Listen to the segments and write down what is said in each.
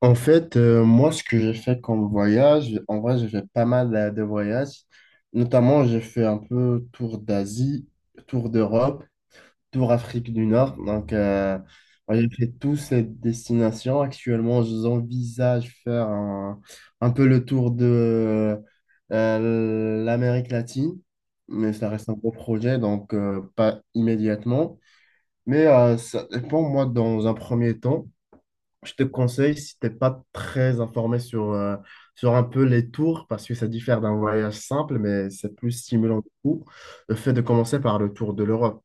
En fait, moi, ce que j'ai fait comme voyage, en vrai, j'ai fait pas mal de voyages. Notamment, j'ai fait un peu tour d'Asie, tour d'Europe, tour Afrique du Nord. Donc, moi, j'ai fait toutes ces destinations. Actuellement, j'envisage faire un peu le tour de l'Amérique latine, mais ça reste un gros projet, donc pas immédiatement. Mais ça dépend, moi, dans un premier temps. Je te conseille, si t'es pas très informé sur un peu les tours, parce que ça diffère d'un voyage simple, mais c'est plus stimulant du coup, le fait de commencer par le tour de l'Europe.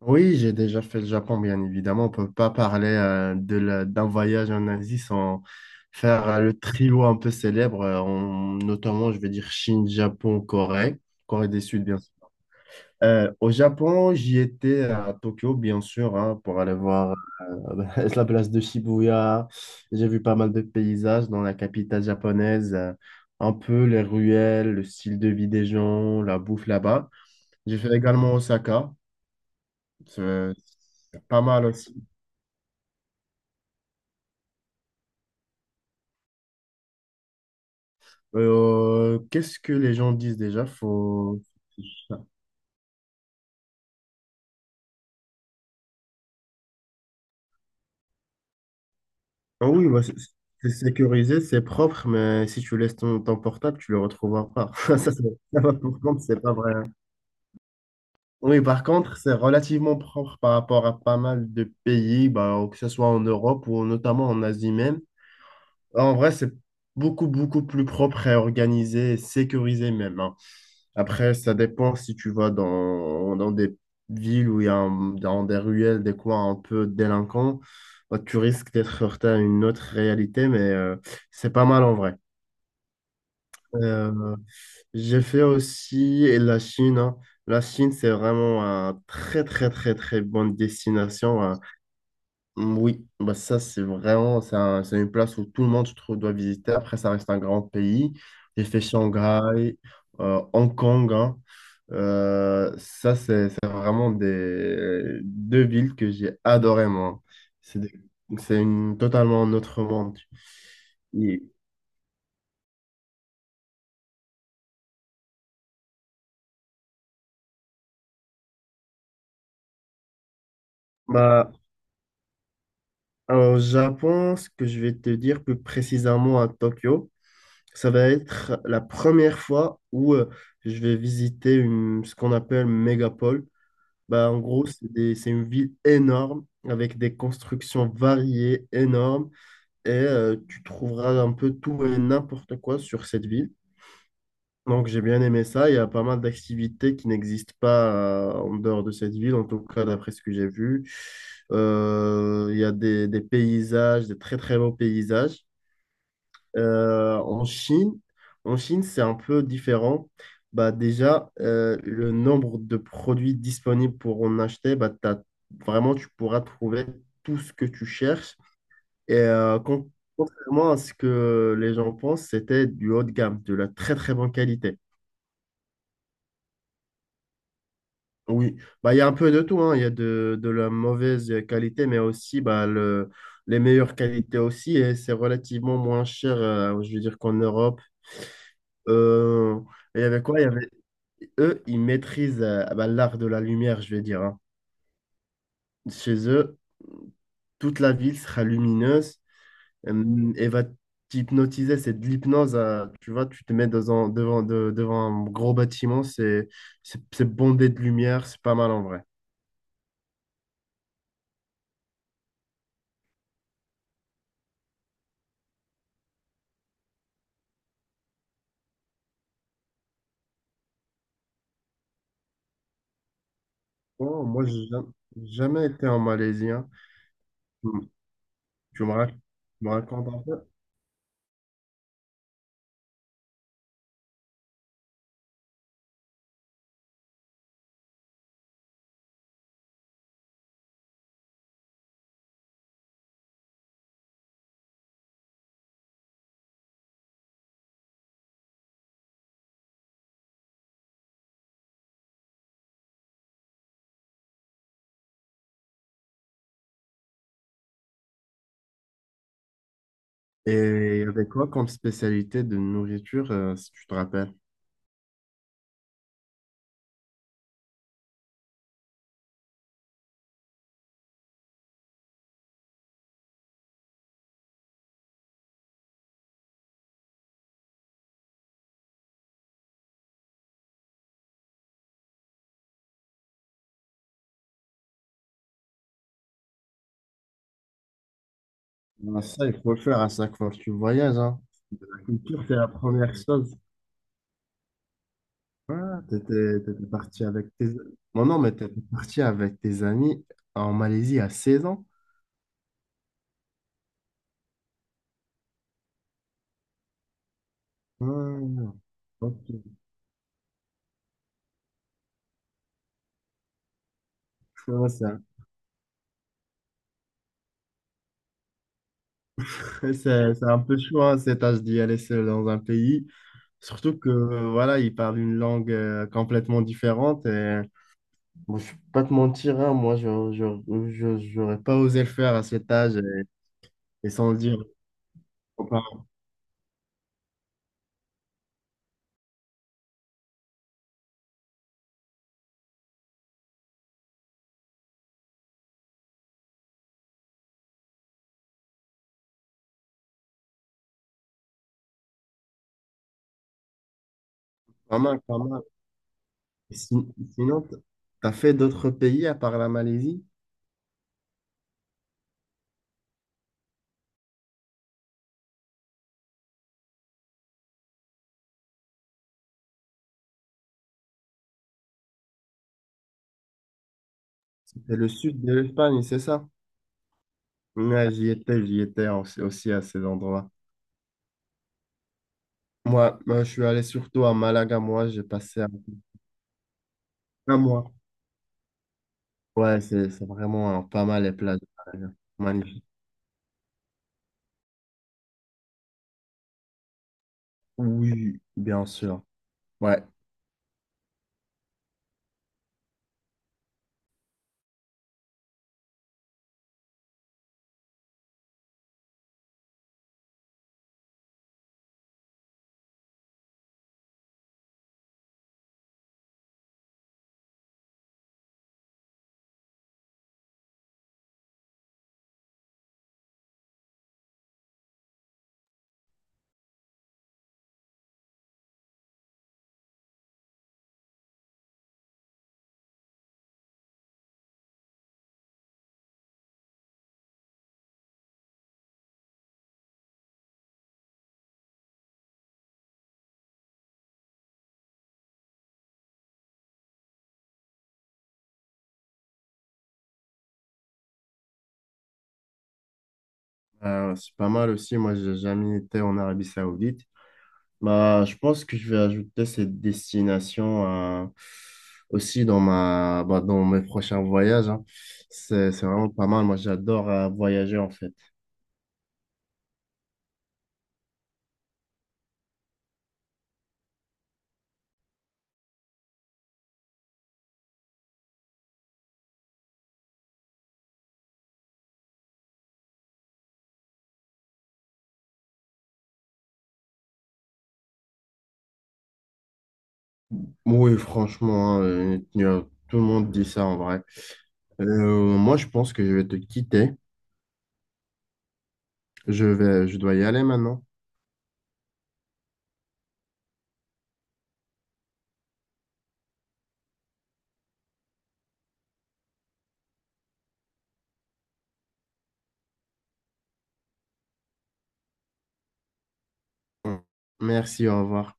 Oui, j'ai déjà fait le Japon, bien évidemment. On peut pas parler d'un voyage en Asie sans faire le trio un peu célèbre, notamment, je vais dire Chine, Japon, Corée, Corée du Sud, bien sûr. Au Japon, j'y étais à Tokyo, bien sûr, hein, pour aller voir euh, la place de Shibuya. J'ai vu pas mal de paysages dans la capitale japonaise, un peu les ruelles, le style de vie des gens, la bouffe là-bas. J'ai fait également Osaka, c'est c'est pas mal aussi. Qu'est-ce que les gens disent déjà? Faut... Ah oui, bah, c'est sécurisé, c'est propre, mais si tu laisses ton portable, tu le retrouveras pas. Ça, c'est- Ça, par contre, c'est pas vrai. Oui, par contre, c'est relativement propre par rapport à pas mal de pays, bah, que ce soit en Europe ou notamment en Asie même. En vrai, c'est beaucoup, beaucoup plus propre et organisé et sécurisé même, hein. Après, ça dépend si tu vas dans des villes où il y a un- dans des ruelles, des coins un peu délinquants, bah, tu risques d'être heurté à une autre réalité, mais c'est pas mal en vrai. Euh, j'ai fait aussi et la Chine, hein. La Chine, c'est vraiment un très, très, très, très bonne destination, hein. Oui, bah ça, c'est vraiment, c'est une place où tout le monde, je trouve, doit visiter. Après, ça reste un grand pays. J'ai fait Shanghai, Hong Kong, hein. Ça, c'est vraiment des deux villes que j'ai adoré, moi. C'est des- c'est une totalement un autre monde. Et- Bah, alors, au Japon, ce que je vais te dire plus précisément à Tokyo, ça va être la première fois où je vais visiter une, ce qu'on appelle mégapole. Bah, en gros, c'est une ville énorme avec des constructions variées, énormes, et tu trouveras un peu tout et n'importe quoi sur cette ville. Donc j'ai bien aimé ça. Il y a pas mal d'activités qui n'existent pas en dehors de cette ville, en tout cas d'après ce que j'ai vu. Il y a des paysages, des très très beaux paysages. Euh, en Chine, en Chine, c'est un peu différent. Bah, déjà, le nombre de produits disponibles pour en acheter, bah, vraiment, tu pourras trouver tout ce que tu cherches. Et contrairement à ce que les gens pensent, c'était du haut de gamme, de la très très bonne qualité. Oui, bah, il y a un peu de tout, hein. Il y a de la mauvaise qualité, mais aussi bah, les meilleures qualités aussi, et c'est relativement moins cher, je veux dire, qu'en Europe. Euh, il y avait quoi? Eux, ils maîtrisent bah, l'art de la lumière, je vais dire, hein. Chez eux, toute la ville sera lumineuse et va t'hypnotiser. C'est de l'hypnose. Tu vois, tu te mets devant un gros bâtiment, c'est bondé de lumière, c'est pas mal en vrai. Oh, moi, jamais été en Malaisie, hein. Tu m- tu me racontes un peu. Et il y avait quoi comme spécialité de nourriture, si tu te rappelles? Ah, ça, il faut le faire à chaque fois que tu voyages, hein. La culture, c'est la première chose. Ah, t'étais parti avec tes... Non, non, mais t'étais parti avec tes amis en Malaisie à 16 ans? Ah, ok. Ouais, c'est un peu chaud, hein, cet âge d'y aller seul dans un pays. Surtout que voilà, ils parlent une langue complètement différente. Et, bon, je ne vais pas te mentir, hein, moi, je j'aurais pas osé le faire à cet âge. Et sans dire, oh, pas, pas mal, pas mal. Et sinon, tu as fait d'autres pays à part la Malaisie? C'est le sud de l'Espagne, c'est ça? Ouais, j'y étais aussi, aussi à ces endroits. Moi, je suis allé surtout à Malaga, moi, j'ai passé un mois. Ouais, c'est vraiment pas mal les plages. Malaga. Magnifique. Oui, bien sûr. Ouais. C'est pas mal aussi. Moi, j'ai jamais été en Arabie Saoudite. Bah, je pense que je vais ajouter cette destination euh, aussi bah, dans mes prochains voyages, hein. C'est vraiment pas mal. Moi, j'adore voyager en fait. Oui, franchement, hein, tout le monde dit ça en vrai. Moi, je pense que je vais te quitter. Je dois y aller maintenant. Merci, au revoir.